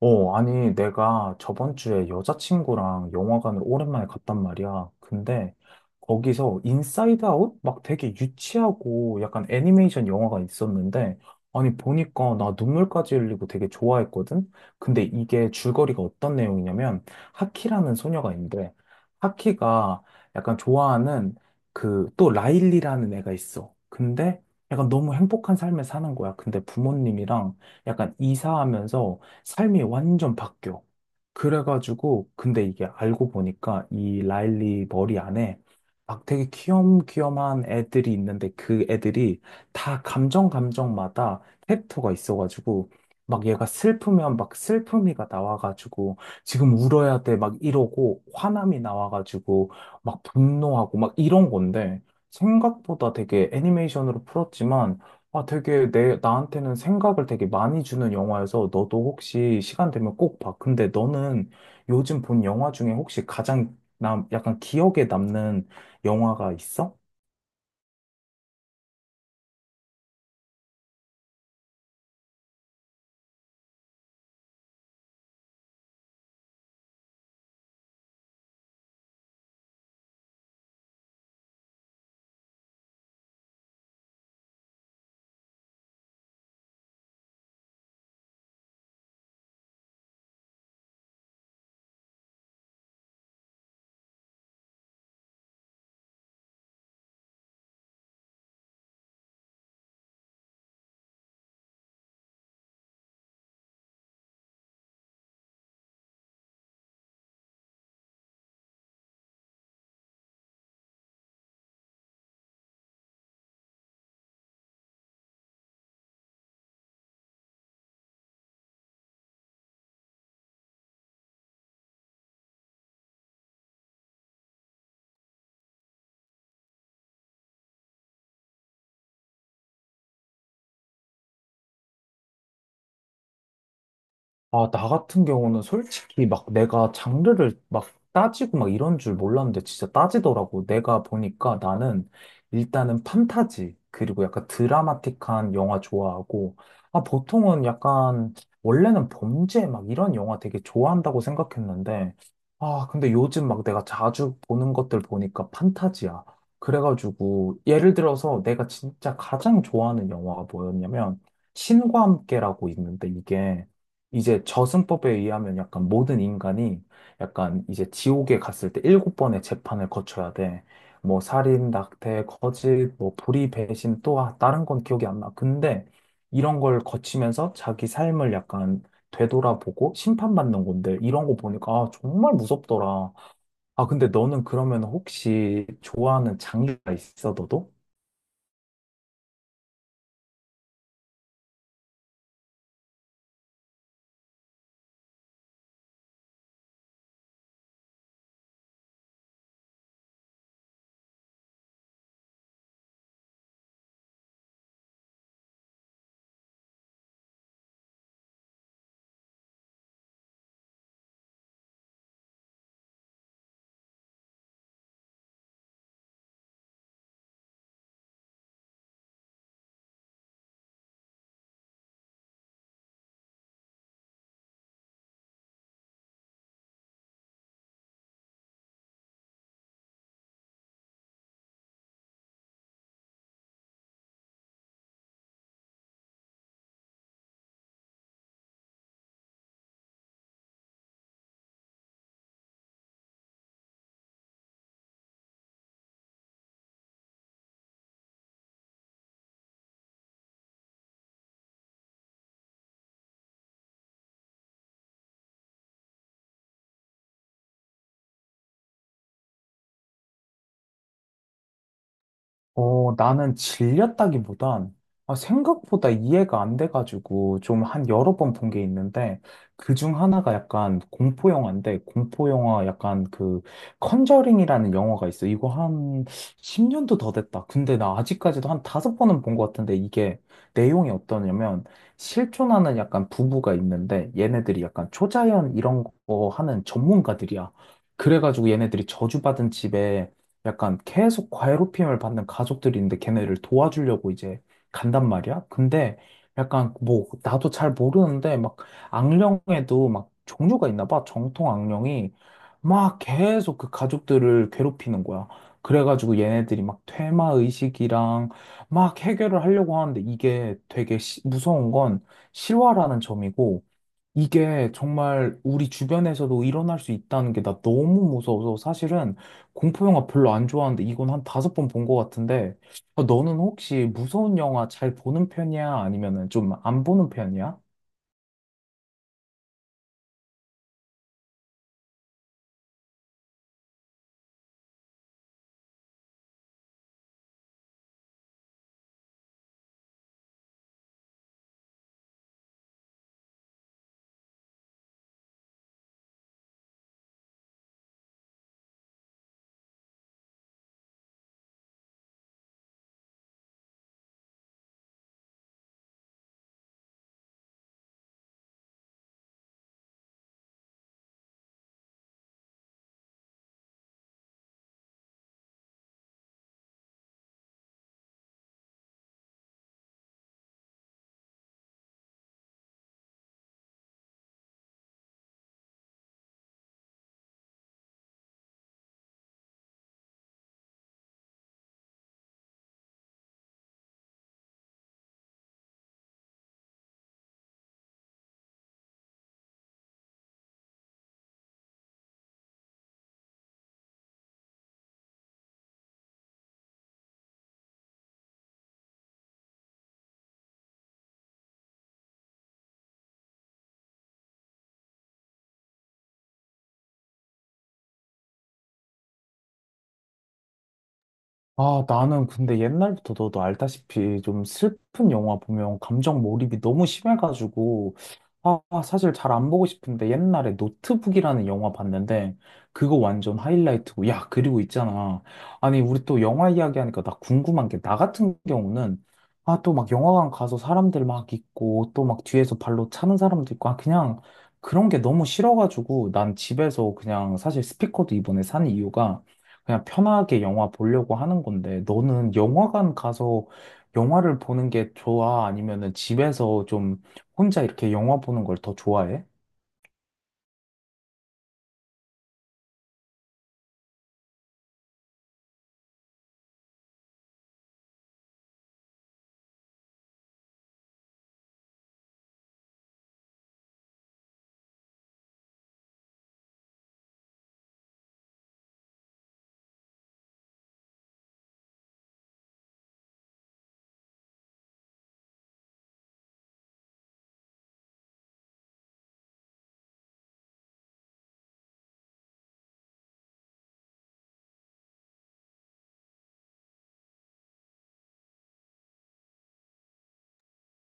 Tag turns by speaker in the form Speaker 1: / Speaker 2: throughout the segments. Speaker 1: 어, 아니, 내가 저번 주에 여자친구랑 영화관을 오랜만에 갔단 말이야. 근데 거기서 인사이드 아웃? 막 되게 유치하고 약간 애니메이션 영화가 있었는데, 아니, 보니까 나 눈물까지 흘리고 되게 좋아했거든? 근데 이게 줄거리가 어떤 내용이냐면, 하키라는 소녀가 있는데, 하키가 약간 좋아하는 그 또 라일리라는 애가 있어. 근데 약간 너무 행복한 삶을 사는 거야. 근데 부모님이랑 약간 이사하면서 삶이 완전 바뀌어. 그래가지고, 근데 이게 알고 보니까 이 라일리 머리 안에 막 되게 귀염귀염한 애들이 있는데 그 애들이 다 감정마다 캐릭터가 있어가지고 막 얘가 슬프면 막 슬픔이가 나와가지고 지금 울어야 돼 막 이러고 화남이 나와가지고 막 분노하고 막 이런 건데 생각보다 되게 애니메이션으로 풀었지만 아, 되게 나한테는 생각을 되게 많이 주는 영화여서 너도 혹시 시간 되면 꼭 봐. 근데 너는 요즘 본 영화 중에 혹시 약간 기억에 남는 영화가 있어? 아, 나 같은 경우는 솔직히 막 내가 장르를 막 따지고 막 이런 줄 몰랐는데 진짜 따지더라고. 내가 보니까 나는 일단은 판타지, 그리고 약간 드라마틱한 영화 좋아하고, 아, 보통은 약간, 원래는 범죄 막 이런 영화 되게 좋아한다고 생각했는데, 아, 근데 요즘 막 내가 자주 보는 것들 보니까 판타지야. 그래가지고, 예를 들어서 내가 진짜 가장 좋아하는 영화가 뭐였냐면, 신과 함께라고 있는데 이게, 이제 저승법에 의하면 약간 모든 인간이 약간 이제 지옥에 갔을 때 일곱 번의 재판을 거쳐야 돼. 뭐 살인, 낙태, 거짓, 뭐 불의, 배신 또 아, 다른 건 기억이 안 나. 근데 이런 걸 거치면서 자기 삶을 약간 되돌아보고 심판받는 건데 이런 거 보니까 아, 정말 무섭더라. 아, 근데 너는 그러면 혹시 좋아하는 장르가 있어, 너도? 어, 나는 질렸다기보단 아, 생각보다 이해가 안 돼가지고 좀 한 여러 번 본 게 있는데 그 중 하나가 약간 공포 영화인데 공포 영화 약간 그 컨저링이라는 영화가 있어. 이거 한 10년도 더 됐다. 근데 나 아직까지도 한 다섯 번은 본 것 같은데 이게 내용이 어떠냐면 실존하는 약간 부부가 있는데 얘네들이 약간 초자연 이런 거 하는 전문가들이야. 그래가지고 얘네들이 저주받은 집에 약간 계속 과외롭힘을 받는 가족들이 있는데 걔네를 도와주려고 이제 간단 말이야. 근데 약간 뭐 나도 잘 모르는데 막 악령에도 막 종류가 있나 봐. 정통 악령이 막 계속 그 가족들을 괴롭히는 거야. 그래가지고 얘네들이 막 퇴마 의식이랑 막 해결을 하려고 하는데 이게 되게 무서운 건 실화라는 점이고 이게 정말 우리 주변에서도 일어날 수 있다는 게 나 너무 무서워서 사실은 공포 영화 별로 안 좋아하는데 이건 한 다섯 번 본 것 같은데 아, 너는 혹시 무서운 영화 잘 보는 편이야? 아니면은 좀 안 보는 편이야? 아, 나는 근데 옛날부터 너도 알다시피 좀 슬픈 영화 보면 감정 몰입이 너무 심해가지고, 아, 사실 잘 안 보고 싶은데 옛날에 노트북이라는 영화 봤는데, 그거 완전 하이라이트고, 야, 그리고 있잖아. 아니, 우리 또 영화 이야기하니까 나 궁금한 게, 나 같은 경우는, 아, 또 막 영화관 가서 사람들 막 있고, 또 막 뒤에서 발로 차는 사람도 있고, 아, 그냥 그런 게 너무 싫어가지고, 난 집에서 그냥 사실 스피커도 이번에 산 이유가, 그냥 편하게 영화 보려고 하는 건데, 너는 영화관 가서 영화를 보는 게 좋아? 아니면은 집에서 좀 혼자 이렇게 영화 보는 걸 더 좋아해?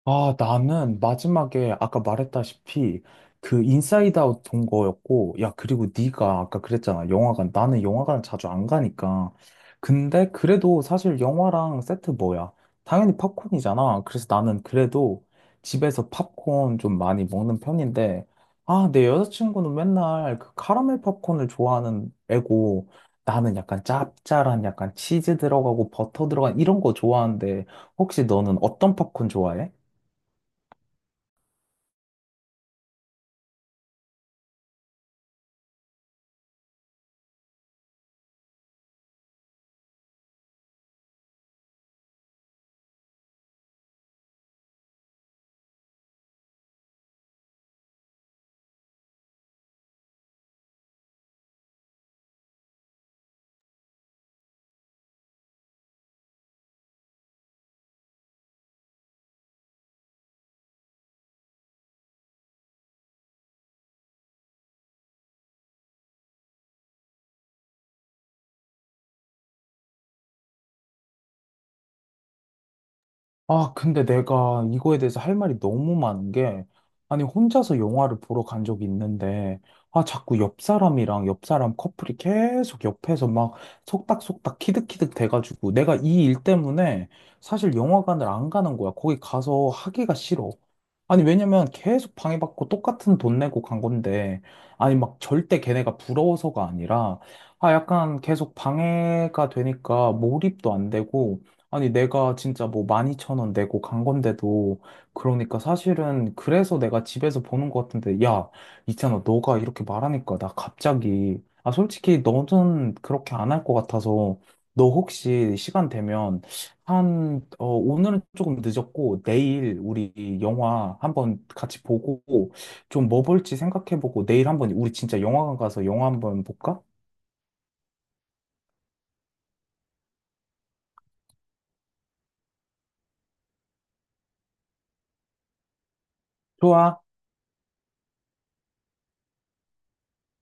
Speaker 1: 아, 나는 마지막에 아까 말했다시피 그 인사이드 아웃 본 거였고, 야, 그리고 네가 아까 그랬잖아. 영화관. 나는 영화관 자주 안 가니까. 근데 그래도 사실 영화랑 세트 뭐야? 당연히 팝콘이잖아. 그래서 나는 그래도 집에서 팝콘 좀 많이 먹는 편인데, 아, 내 여자친구는 맨날 그 카라멜 팝콘을 좋아하는 애고, 나는 약간 짭짤한 약간 치즈 들어가고 버터 들어간 이런 거 좋아하는데, 혹시 너는 어떤 팝콘 좋아해? 아, 근데 내가 이거에 대해서 할 말이 너무 많은 게, 아니, 혼자서 영화를 보러 간 적이 있는데, 아, 자꾸 옆 사람이랑 옆 사람 커플이 계속 옆에서 막 속닥속닥 키득키득 돼가지고, 내가 이 일 때문에 사실 영화관을 안 가는 거야. 거기 가서 하기가 싫어. 아니, 왜냐면 계속 방해받고 똑같은 돈 내고 간 건데, 아니, 막 절대 걔네가 부러워서가 아니라, 아, 약간 계속 방해가 되니까 몰입도 안 되고, 아니, 내가 진짜 뭐 12,000원 내고 간 건데도, 그러니까 사실은 그래서 내가 집에서 보는 것 같은데, 야, 있잖아, 너가 이렇게 말하니까 나 갑자기, 아, 솔직히 너는 그렇게 안 할 것 같아서, 너 혹시 시간 되면, 한, 어, 오늘은 조금 늦었고, 내일 우리 영화 한번 같이 보고, 좀 뭐 볼지 생각해보고, 내일 한번 우리 진짜 영화관 가서 영화 한번 볼까? 좋아.